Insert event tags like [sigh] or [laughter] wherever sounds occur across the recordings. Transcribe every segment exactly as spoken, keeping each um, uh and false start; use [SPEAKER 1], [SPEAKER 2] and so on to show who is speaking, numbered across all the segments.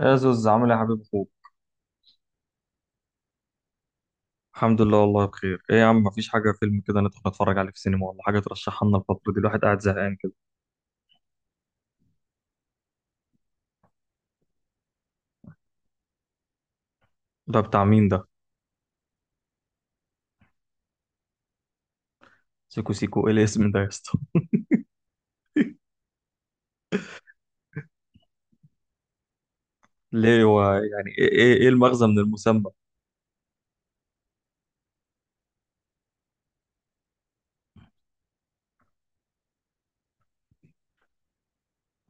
[SPEAKER 1] يا زوز، عامل ايه يا حبيب اخوك؟ الحمد لله والله بخير. ايه يا عم، مفيش حاجه فيلم كده ندخل نتفرج عليه في السينما، ولا حاجه ترشحها لنا؟ الفتره دي الواحد قاعد زهقان كده. ده بتاع مين ده؟ سيكو سيكو، ايه الاسم ده يا اسطى؟ [laughs] ليه، هو يعني ايه ايه إيه المغزى من المسمى؟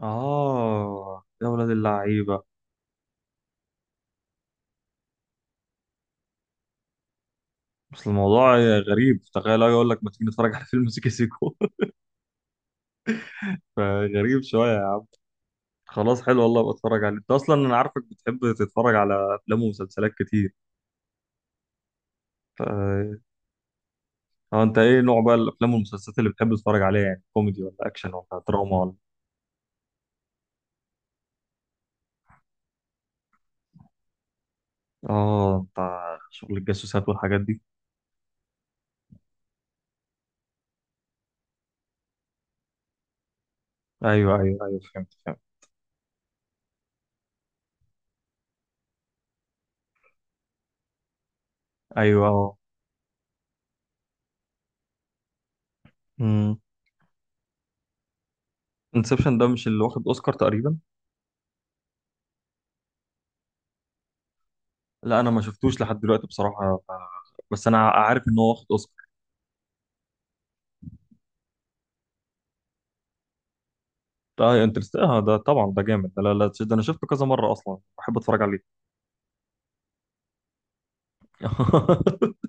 [SPEAKER 1] اه يا ولاد اللعيبه. بس الموضوع غريب، تخيل أجي اقول لك ما تيجي نتفرج على [laughs] فيلم سيكو سيكو. [laughs] فغريب شويه يا عم. خلاص حلو والله، بتفرج عليه انت اصلا، انا عارفك بتحب تتفرج على افلام ومسلسلات كتير. اه انت ايه نوع بقى الافلام والمسلسلات اللي بتحب تتفرج عليها؟ يعني كوميدي ولا اكشن ولا دراما ولا... اه بتاع شغل الجاسوسات والحاجات دي. ايوه، ايوه، ايوه، فهمت فهمت. ايوه، اه. امم. انسبشن ده مش اللي واخد اوسكار تقريبا؟ لا انا ما شفتوش لحد دلوقتي بصراحه، ف- بس انا عارف ان هو واخد اوسكار. اه انترست، اه ده طبعا ده جامد ده. لا، لا، ده انا شفته كذا مره، اصلا بحب اتفرج عليه. [laughs]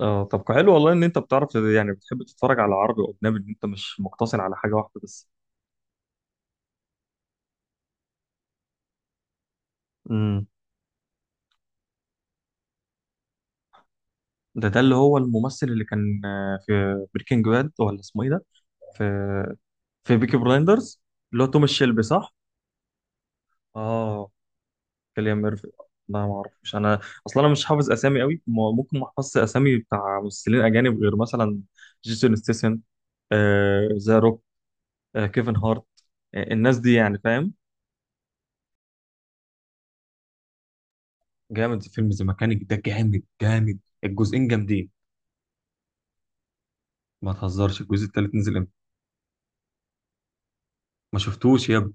[SPEAKER 1] اه طب حلو والله ان انت بتعرف، يعني بتحب تتفرج على عربي واجنبي، ان انت مش مقتصر على حاجه واحده. بس ده ده اللي هو الممثل اللي كان آه، في بريكنج باد، ولا اسمه ايه ده؟ في في بيكي بلايندرز، اللي هو توماس شيلبي صح؟ اه، كيليان ميرفي. لا ما اعرفش انا، اصلا انا مش حافظ اسامي قوي، م- ممكن ما احفظش اسامي بتاع ممثلين اجانب، غير مثلا جيسون ستيسن، آه ذا روك، آه كيفن هارت، آه الناس دي يعني فاهم. جامد، فيلم ذا ميكانيك ده جامد جامد، الجزئين جامدين. ما تهزرش، الجزء التالت نزل امتى؟ ما شفتوش يا...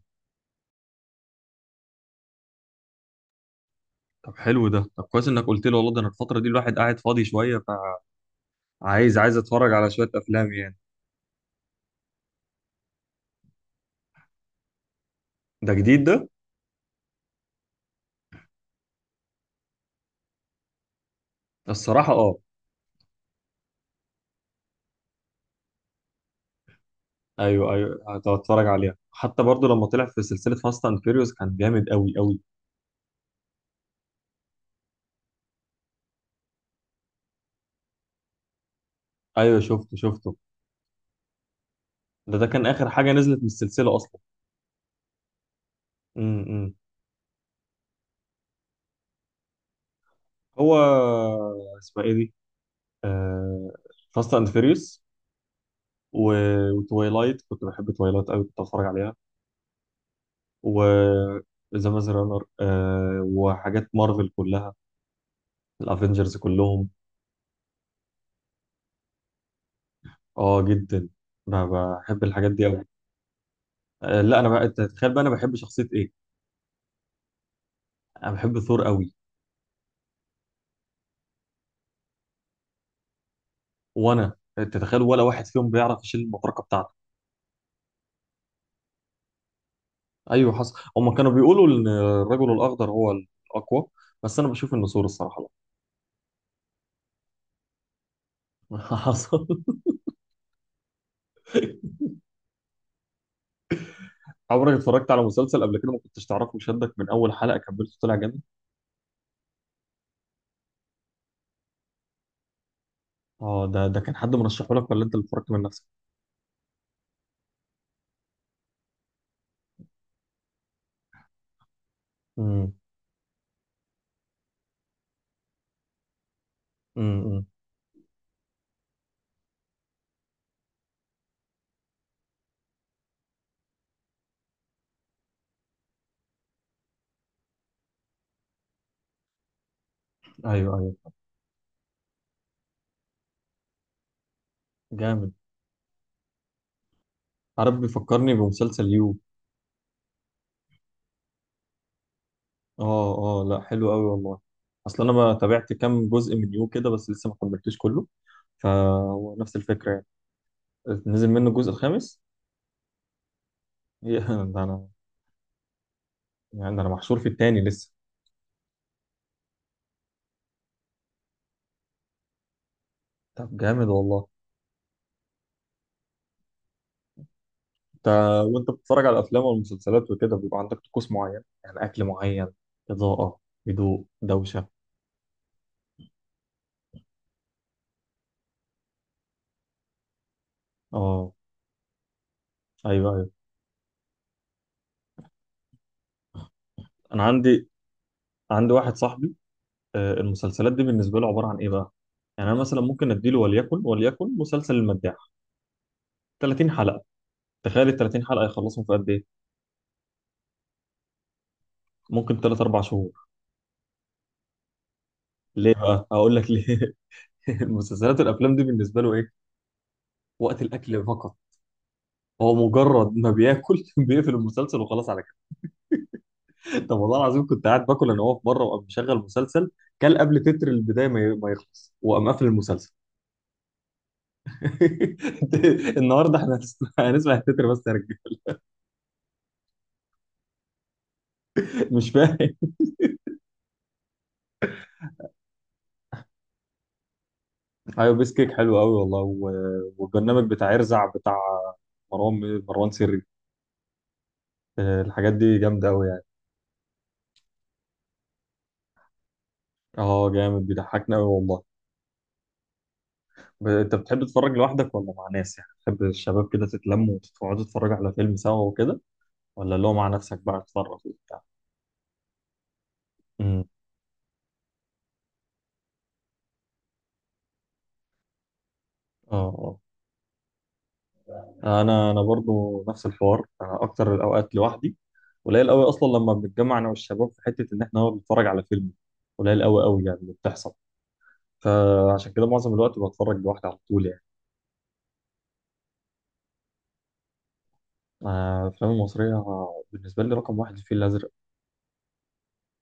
[SPEAKER 1] طب حلو ده، طب كويس انك قلت لي والله، ده انا الفتره دي الواحد قاعد فاضي شويه، فعايز عايز اتفرج على شويه افلام يعني. ده جديد ده؟ الصراحه اه. ايوه، ايوه، هتفرج عليها. حتى برضو لما طلع في سلسله فاست اند فيريوس كان جامد قوي قوي. ايوه، شفته شفته. ده ده كان اخر حاجه نزلت من السلسله اصلا. امم. إمم. هو اسمها ايه دي؟ آه... فاست اند فيريوس، و... وتوايلايت، كنت بحب توايلايت قوي، كنت بتفرج عليها. و ذا ماز رانر، آه... وحاجات مارفل كلها، الافنجرز كلهم. اه جدا، ب- بحب الحاجات دي قوي. لا انا بقى، أنت تتخيل بقى انا بحب شخصيه ايه؟ انا بحب ثور قوي. وانا أنت تتخيل، ولا واحد فيهم بيعرف يشيل المطرقه بتاعته. ايوه حصل، هم كانوا بيقولوا ان الرجل الاخضر هو الاقوى، بس انا بشوف ان ثور الصراحه. لا [laughs] حصل. عمرك اتفرجت على مسلسل قبل كده ما كنتش تعرفه، شدك من اول حلقه كملته طلع جامد؟ اه، ده ده كان حد مرشحه لك ولا انت اللي اتفرجت من نفسك؟ امم. امم. أمم. ايوه، ايوه، جامد. عارف، بيفكرني بمسلسل يو. اه، اه، لا حلو قوي والله، اصل انا ما تابعت كام جزء من يو كده، بس لسه ما كملتوش كله، فهو نفس الفكره يعني. نزل منه الجزء الخامس؟ [laughs] يا، ده انا، يعني ده انا محشور في التاني لسه. طب جامد والله. انت وانت بتتفرج على الافلام والمسلسلات وكده بيبقى عندك طقوس معين؟ يعني اكل معين، اضاءه، هدوء، دوشه؟ اه، ايوه، ايوه. انا عندي عندي واحد صاحبي، آه، المسلسلات دي بالنسبه له عباره عن ايه بقى؟ يعني انا مثلا ممكن اديله، وليكن وليكن مسلسل المداح، ثلاثين حلقه. تخيل ال ثلاثين حلقة يخلصهم في قد إيه؟ ممكن ثلاثة اربعة شهور. ليه بقى؟ هقول لك ليه. [laughs] المسلسلات والأفلام دي بالنسبة له إيه؟ وقت الأكل فقط. هو مجرد ما بياكل [laughs] بيقفل المسلسل وخلاص على كده. طب والله العظيم، كنت قاعد باكل أنا واقف بره وقام مشغل مسلسل، كان قبل تتر البداية ما ي- ما يخلص وقام قافل المسلسل. [laughs] النهارده احنا هنسمع هنسمع التتر بس يا رجاله. [laughs] مش فاهم. ايوه، بيس كيك حلو قوي والله، و- والبرنامج بتاع ارزع بتاع مروان مروان سري. آه، الحاجات دي جامدة قوي. اه جامد بيضحكني قوي والله. ب- انت بتحب تتفرج لوحدك ولا مع ناس؟ يعني تحب الشباب كده تتلموا وتقعدوا تتفرجوا على فيلم سوا وكده، ولا اللي هو مع نفسك بقى تتفرج وبتاع؟ امم. اه، اه، انا انا برضو نفس الحوار، انا اكتر الاوقات لوحدي، قليل قوي اصلا لما بنتجمع انا والشباب في حته ان احنا نقعد نتفرج على فيلم، قليل قوي قوي يعني اللي بتحصل، فعشان كده معظم الوقت بتفرج لوحدي على طول يعني. آه، الافلام المصريه، بالنسبه لي رقم واحد الفيل الازرق،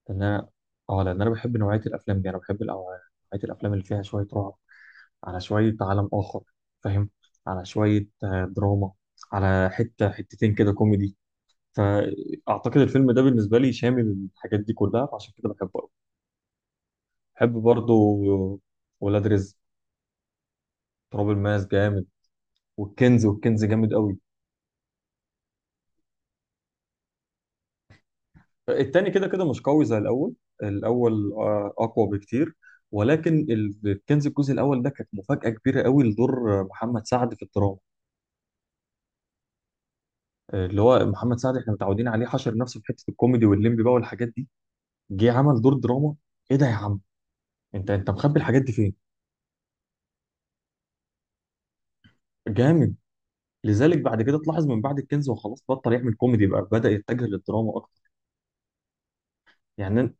[SPEAKER 1] لان انا، اه لان انا بحب نوعيه الافلام دي، انا بحب الأو- نوعيه الافلام اللي فيها شويه رعب، على شويه عالم اخر فاهم، على شويه آه، دراما، على حته حتتين كده كوميدي، فاعتقد الفيلم ده بالنسبه لي شامل الحاجات دي كلها، فعشان كده بحبه قوي. بحب برضو ولاد رزق، تراب الماس جامد، والكنز والكنز جامد قوي. التاني كده كده مش قوي زي الاول، الاول آه، اقوى بكتير، ولكن ال- الكنز الجزء الاول ده كانت مفاجاه كبيره قوي لدور محمد سعد في الدراما، اللي هو محمد سعد احنا متعودين عليه حشر نفسه في حته الكوميدي والليمبي بقى والحاجات دي، جه عمل دور دراما، ايه ده يا عم، انت انت مخبي الحاجات دي فين؟ جامد. لذلك بعد كده تلاحظ من بعد الكنز وخلاص بطل يعمل كوميدي بقى، بدأ يتجه للدراما اكتر. يعني،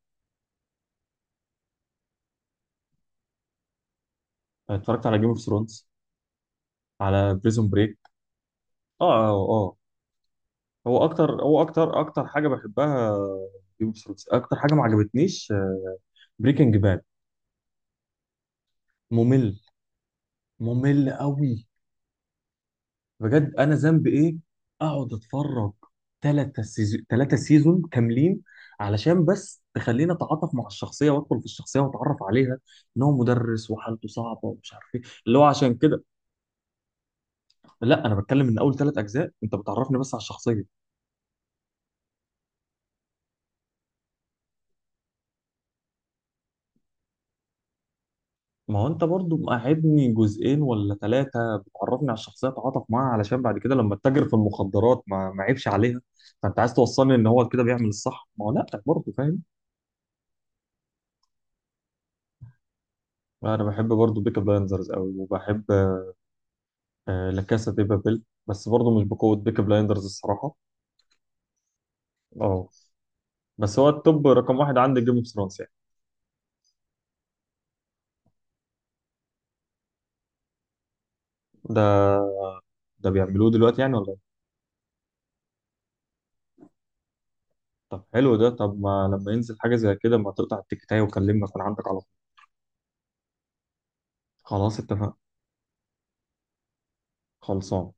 [SPEAKER 1] أنا اتفرجت على جيم اوف ثرونز، على بريزون بريك. اه، اه، اه، هو اكتر هو اكتر اكتر حاجه بحبها. جيم اوف ثرونز اكتر حاجه ما عجبتنيش، بريكنج باد. ممل. ممل قوي. بجد انا ذنبي ايه؟ اقعد اتفرج ثلاثة سيزون، ثلاثة سيزون كاملين، علشان بس تخليني اتعاطف مع الشخصيه وادخل في الشخصيه واتعرف عليها، ان هو مدرس وحالته صعبه ومش عارف ايه اللي هو عشان كده. لا انا بتكلم، من اول ثلاث اجزاء انت بتعرفني بس على الشخصيه، ما هو انت برضو مقعدني جزئين ولا ثلاثه بتعرفني على الشخصيه، اتعاطف معاها علشان بعد كده لما اتاجر في المخدرات ما ما عيبش عليها. فانت عايز توصلني ان هو كده بيعمل الصح، ما هو لا برضه فاهم. انا بحب برضه بيكا بلايندرز قوي، وبحب آه، لا كاسا دي بابل، بس برضه مش بقوة بيكي بلايندرز الصراحة. اه بس هو التوب رقم واحد عندي جيم اوف ثرونز يعني. ده ده بيعملوه دلوقتي يعني ولا ايه؟ طب حلو ده، طب ما لما ينزل حاجة زي كده ما تقطع التيكتاية وكلمني اكون عندك على طول. خلاص، اتفقنا. خلصان.